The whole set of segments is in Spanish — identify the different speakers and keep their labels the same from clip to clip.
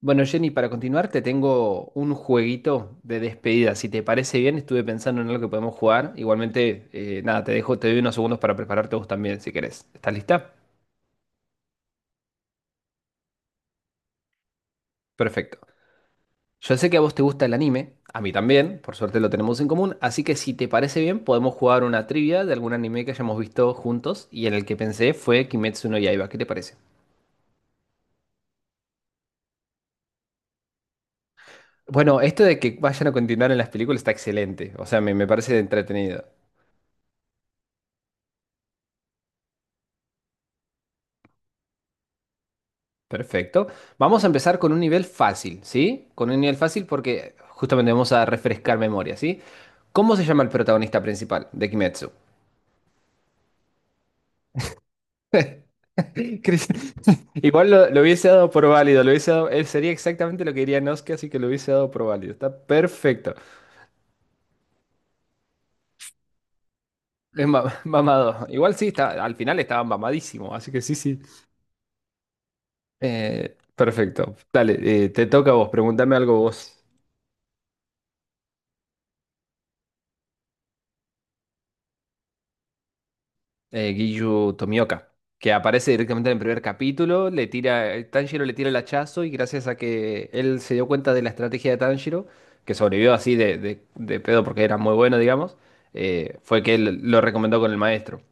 Speaker 1: Bueno, Jenny, para continuar, te tengo un jueguito de despedida. Si te parece bien, estuve pensando en algo que podemos jugar. Igualmente, nada, te dejo, te doy unos segundos para prepararte vos también, si querés. ¿Estás lista? Perfecto. Yo sé que a vos te gusta el anime, a mí también, por suerte lo tenemos en común, así que si te parece bien, podemos jugar una trivia de algún anime que hayamos visto juntos y en el que pensé fue Kimetsu no Yaiba. ¿Qué te parece? Bueno, esto de que vayan a continuar en las películas está excelente, o sea, me parece entretenido. Perfecto. Vamos a empezar con un nivel fácil, ¿sí? Con un nivel fácil porque justamente vamos a refrescar memoria, ¿sí? ¿Cómo se llama el protagonista principal de Kimetsu? Chris. Igual lo hubiese dado por válido, lo hubiese dado, él sería exactamente lo que diría Noske, así que lo hubiese dado por válido. Está perfecto. Es ma- mamado. Igual sí, está, al final estaba mamadísimo, así que sí, sí. Perfecto. Dale, te toca a vos, pregúntame algo vos. Giyu Tomioka, que aparece directamente en el primer capítulo, le tira, Tanjiro le tira el hachazo y gracias a que él se dio cuenta de la estrategia de Tanjiro, que sobrevivió así de pedo porque era muy bueno, digamos, fue que él lo recomendó con el maestro.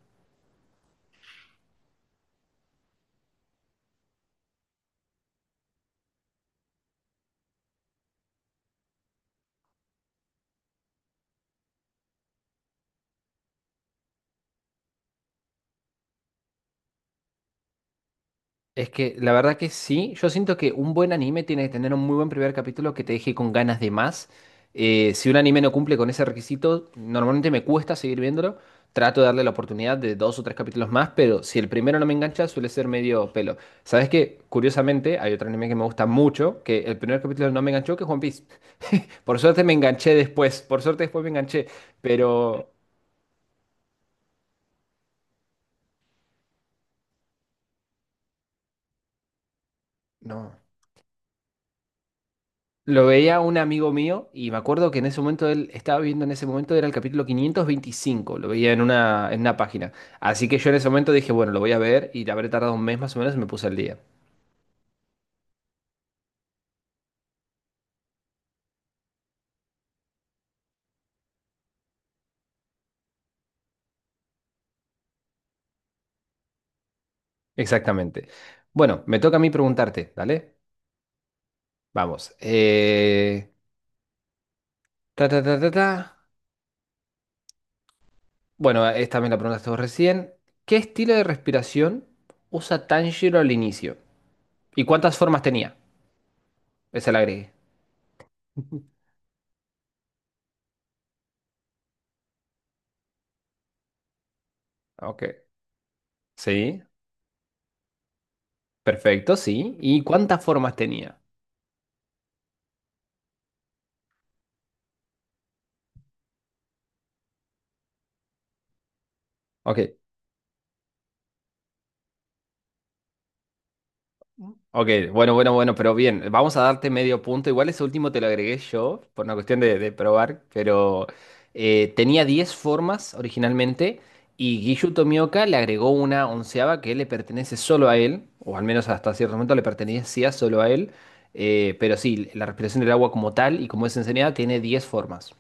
Speaker 1: Es que la verdad que sí, yo siento que un buen anime tiene que tener un muy buen primer capítulo que te deje con ganas de más. Si un anime no cumple con ese requisito, normalmente me cuesta seguir viéndolo. Trato de darle la oportunidad de dos o tres capítulos más, pero si el primero no me engancha, suele ser medio pelo. ¿Sabes qué? Curiosamente, hay otro anime que me gusta mucho, que el primer capítulo no me enganchó, que es One Piece. Por suerte me enganché después, por suerte después me enganché, pero no. Lo veía un amigo mío y me acuerdo que en ese momento él estaba viendo en ese momento era el capítulo 525, lo veía en una página. Así que yo en ese momento dije, bueno, lo voy a ver y habré tardado un mes más o menos y me puse al día. Exactamente. Bueno, me toca a mí preguntarte, ¿dale? Vamos. Ta, ta, ta, ta, ta. Bueno, esta me la preguntaste vos recién. ¿Qué estilo de respiración usa Tanjiro al inicio? ¿Y cuántas formas tenía? Esa la agregué. Ok. Sí, perfecto, sí. ¿Y cuántas formas tenía? Ok, ok, bueno, bueno, bueno, pero bien, vamos a darte medio punto. Igual ese último te lo agregué yo por una cuestión de probar, pero tenía 10 formas originalmente y Giyu Tomioka le agregó una onceava que le pertenece solo a él, o al menos hasta cierto momento le pertenecía solo a él, pero sí, la respiración del agua como tal y como es enseñada tiene 10 formas.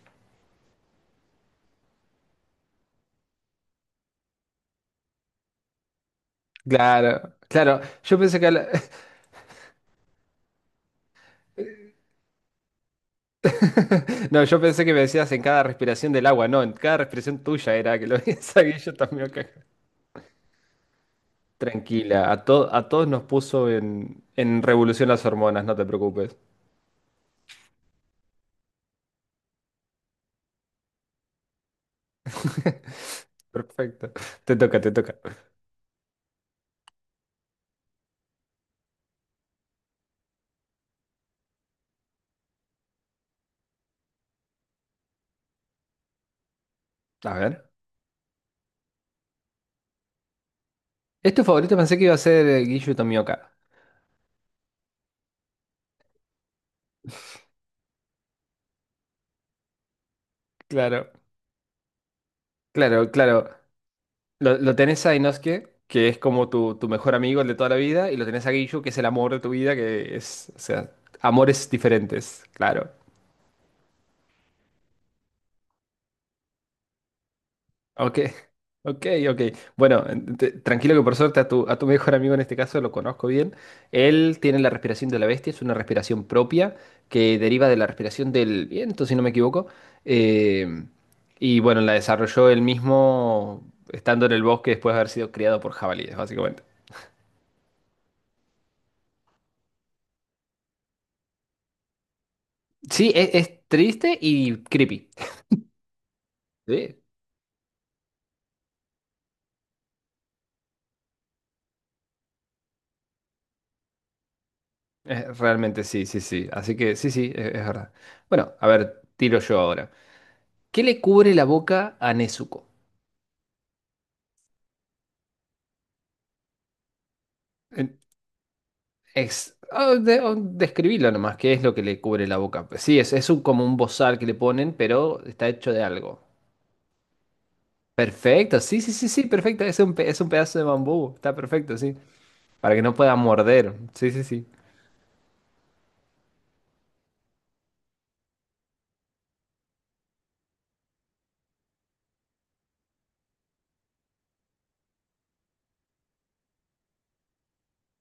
Speaker 1: Claro, claro, yo pensé que la No, yo pensé que me decías en cada respiración del agua, no, en cada respiración tuya era que lo hizo Giyu Tomioka. Tranquila, a, to- a todos nos puso en revolución las hormonas, no te preocupes. Perfecto, te toca, te toca. A ver. Es tu favorito, pensé que iba a ser Giyu Tomioka. Claro, claro, claro. Lo tenés a Inosuke, que es como tu mejor amigo, el de toda la vida, y lo tenés a Giyu, que es el amor de tu vida, que es, o sea, amores diferentes, claro. Ok, ok, ok. Bueno, en- te- tranquilo que por suerte a tu mejor amigo en este caso lo conozco bien. Él tiene la respiración de la bestia, es una respiración propia que deriva de la respiración del viento, si no me equivoco. Eh, y bueno, la desarrolló él mismo estando en el bosque después de haber sido criado por jabalíes, básicamente. Sí, es triste y creepy. Sí, realmente sí, sí, sí. Así que sí, sí, es verdad. Bueno, a ver, tiro yo ahora. ¿Qué le cubre la boca a Nezuko? Ex- ah, de- o describilo nomás, ¿qué es lo que le cubre la boca? Pues sí, es un- como un bozal que le ponen, pero está hecho de algo. Perfecto, sí, sí, sí, sí, perfecto. Es un, pe- es un pedazo de bambú, está perfecto, sí. Para que no pueda morder. Sí, sí, sí.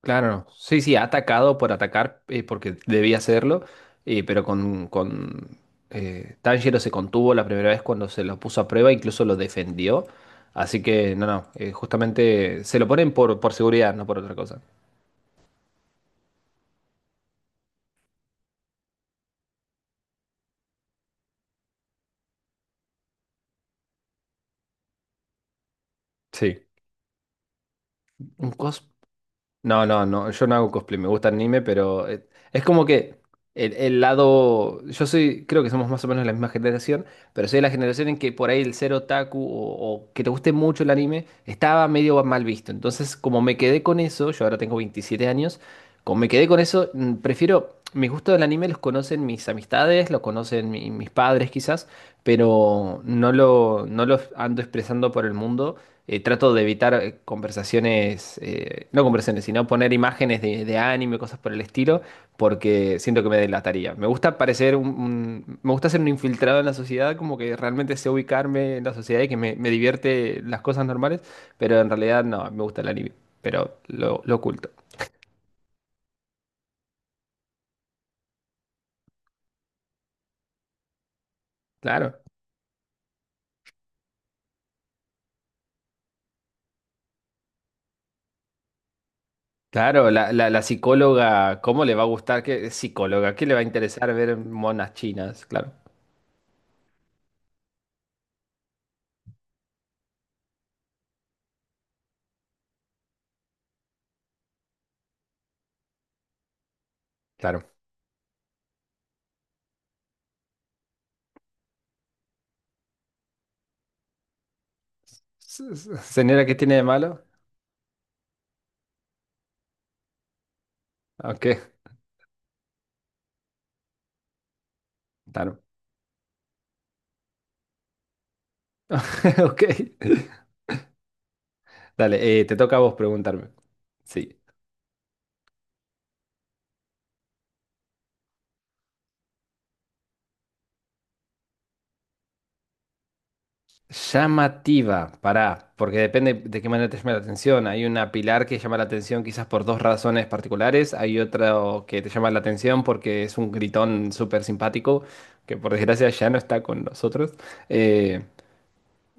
Speaker 1: Claro, no, sí, sí, ha atacado por atacar, porque debía hacerlo, pero con Tanjiro se contuvo la primera vez cuando se lo puso a prueba, incluso lo defendió. Así que, no, no, justamente se lo ponen por seguridad, no por otra cosa. Sí. Un cos. No, no, no, yo no hago cosplay, me gusta el anime, pero es como que el lado, yo soy, creo que somos más o menos la misma generación, pero soy de la generación en que por ahí el ser otaku o que te guste mucho el anime estaba medio mal visto. Entonces, como me quedé con eso, yo ahora tengo 27 años, como me quedé con eso, prefiero, mi gusto del anime los conocen mis amistades, lo conocen mi- mis padres quizás, pero no lo, no lo ando expresando por el mundo. Trato de evitar conversaciones, no conversaciones, sino poner imágenes de anime, cosas por el estilo, porque siento que me delataría. Me gusta parecer un- me gusta ser un infiltrado en la sociedad, como que realmente sé ubicarme en la sociedad y que me divierte las cosas normales, pero en realidad no, me gusta el anime, pero lo oculto. Claro. Claro, la, la psicóloga, ¿cómo le va a gustar que psicóloga? ¿Qué le va a interesar ver monas chinas? Claro, claro. S- s- Señora, ¿qué tiene de malo? Ok, claro. Ok. Dale, te toca a vos preguntarme. Sí. Llamativa, pará, porque depende de qué manera te llame la atención. Hay una pilar que llama la atención quizás por dos razones particulares. Hay otro que te llama la atención porque es un gritón súper simpático, que por desgracia ya no está con nosotros. Eh,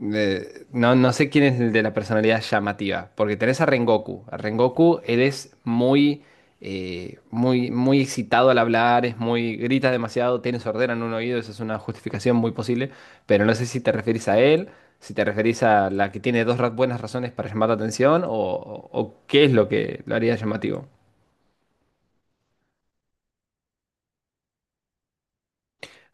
Speaker 1: No, no sé quién es el de la personalidad llamativa, porque tenés a Rengoku. A Rengoku, él es muy, muy, muy excitado al hablar, es muy, grita demasiado, tiene sordera en un oído, eso es una justificación muy posible, pero no sé si te referís a él, si te referís a la que tiene dos ra- buenas razones para llamar la atención o qué es lo que lo haría llamativo.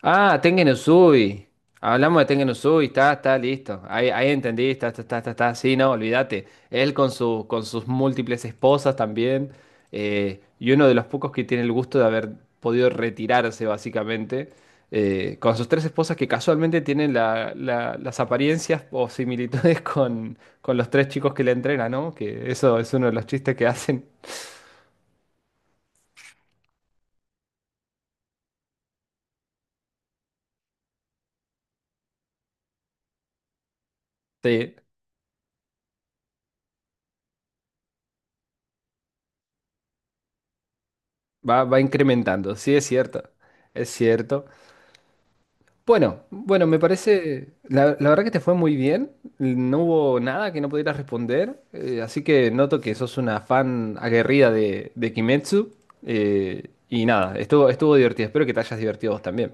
Speaker 1: Ah, Tengen Uzui. Hablamos de Tengen Uzui, está, está listo. Ahí, ahí entendí, está, está, está, está, está. Sí, no, olvídate. Él con su, con sus múltiples esposas también. Y uno de los pocos que tiene el gusto de haber podido retirarse, básicamente. Con sus tres esposas que casualmente tienen la- la- las apariencias o similitudes con los tres chicos que le entrenan, ¿no? Que eso es uno de los chistes que hacen. Sí, va, va incrementando. Sí, es cierto. Es cierto. Bueno, bueno, me parece, la verdad que te fue muy bien, no hubo nada que no pudieras responder, así que noto que sos una fan aguerrida de Kimetsu, y nada, estuvo, estuvo divertido, espero que te hayas divertido vos también.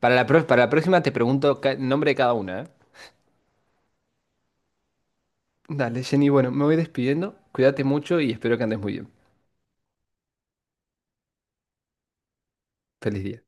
Speaker 1: Para la, pro- para la próxima te pregunto ca- nombre de cada una, ¿eh? Dale, Jenny, bueno, me voy despidiendo, cuídate mucho y espero que andes muy bien. Feliz día.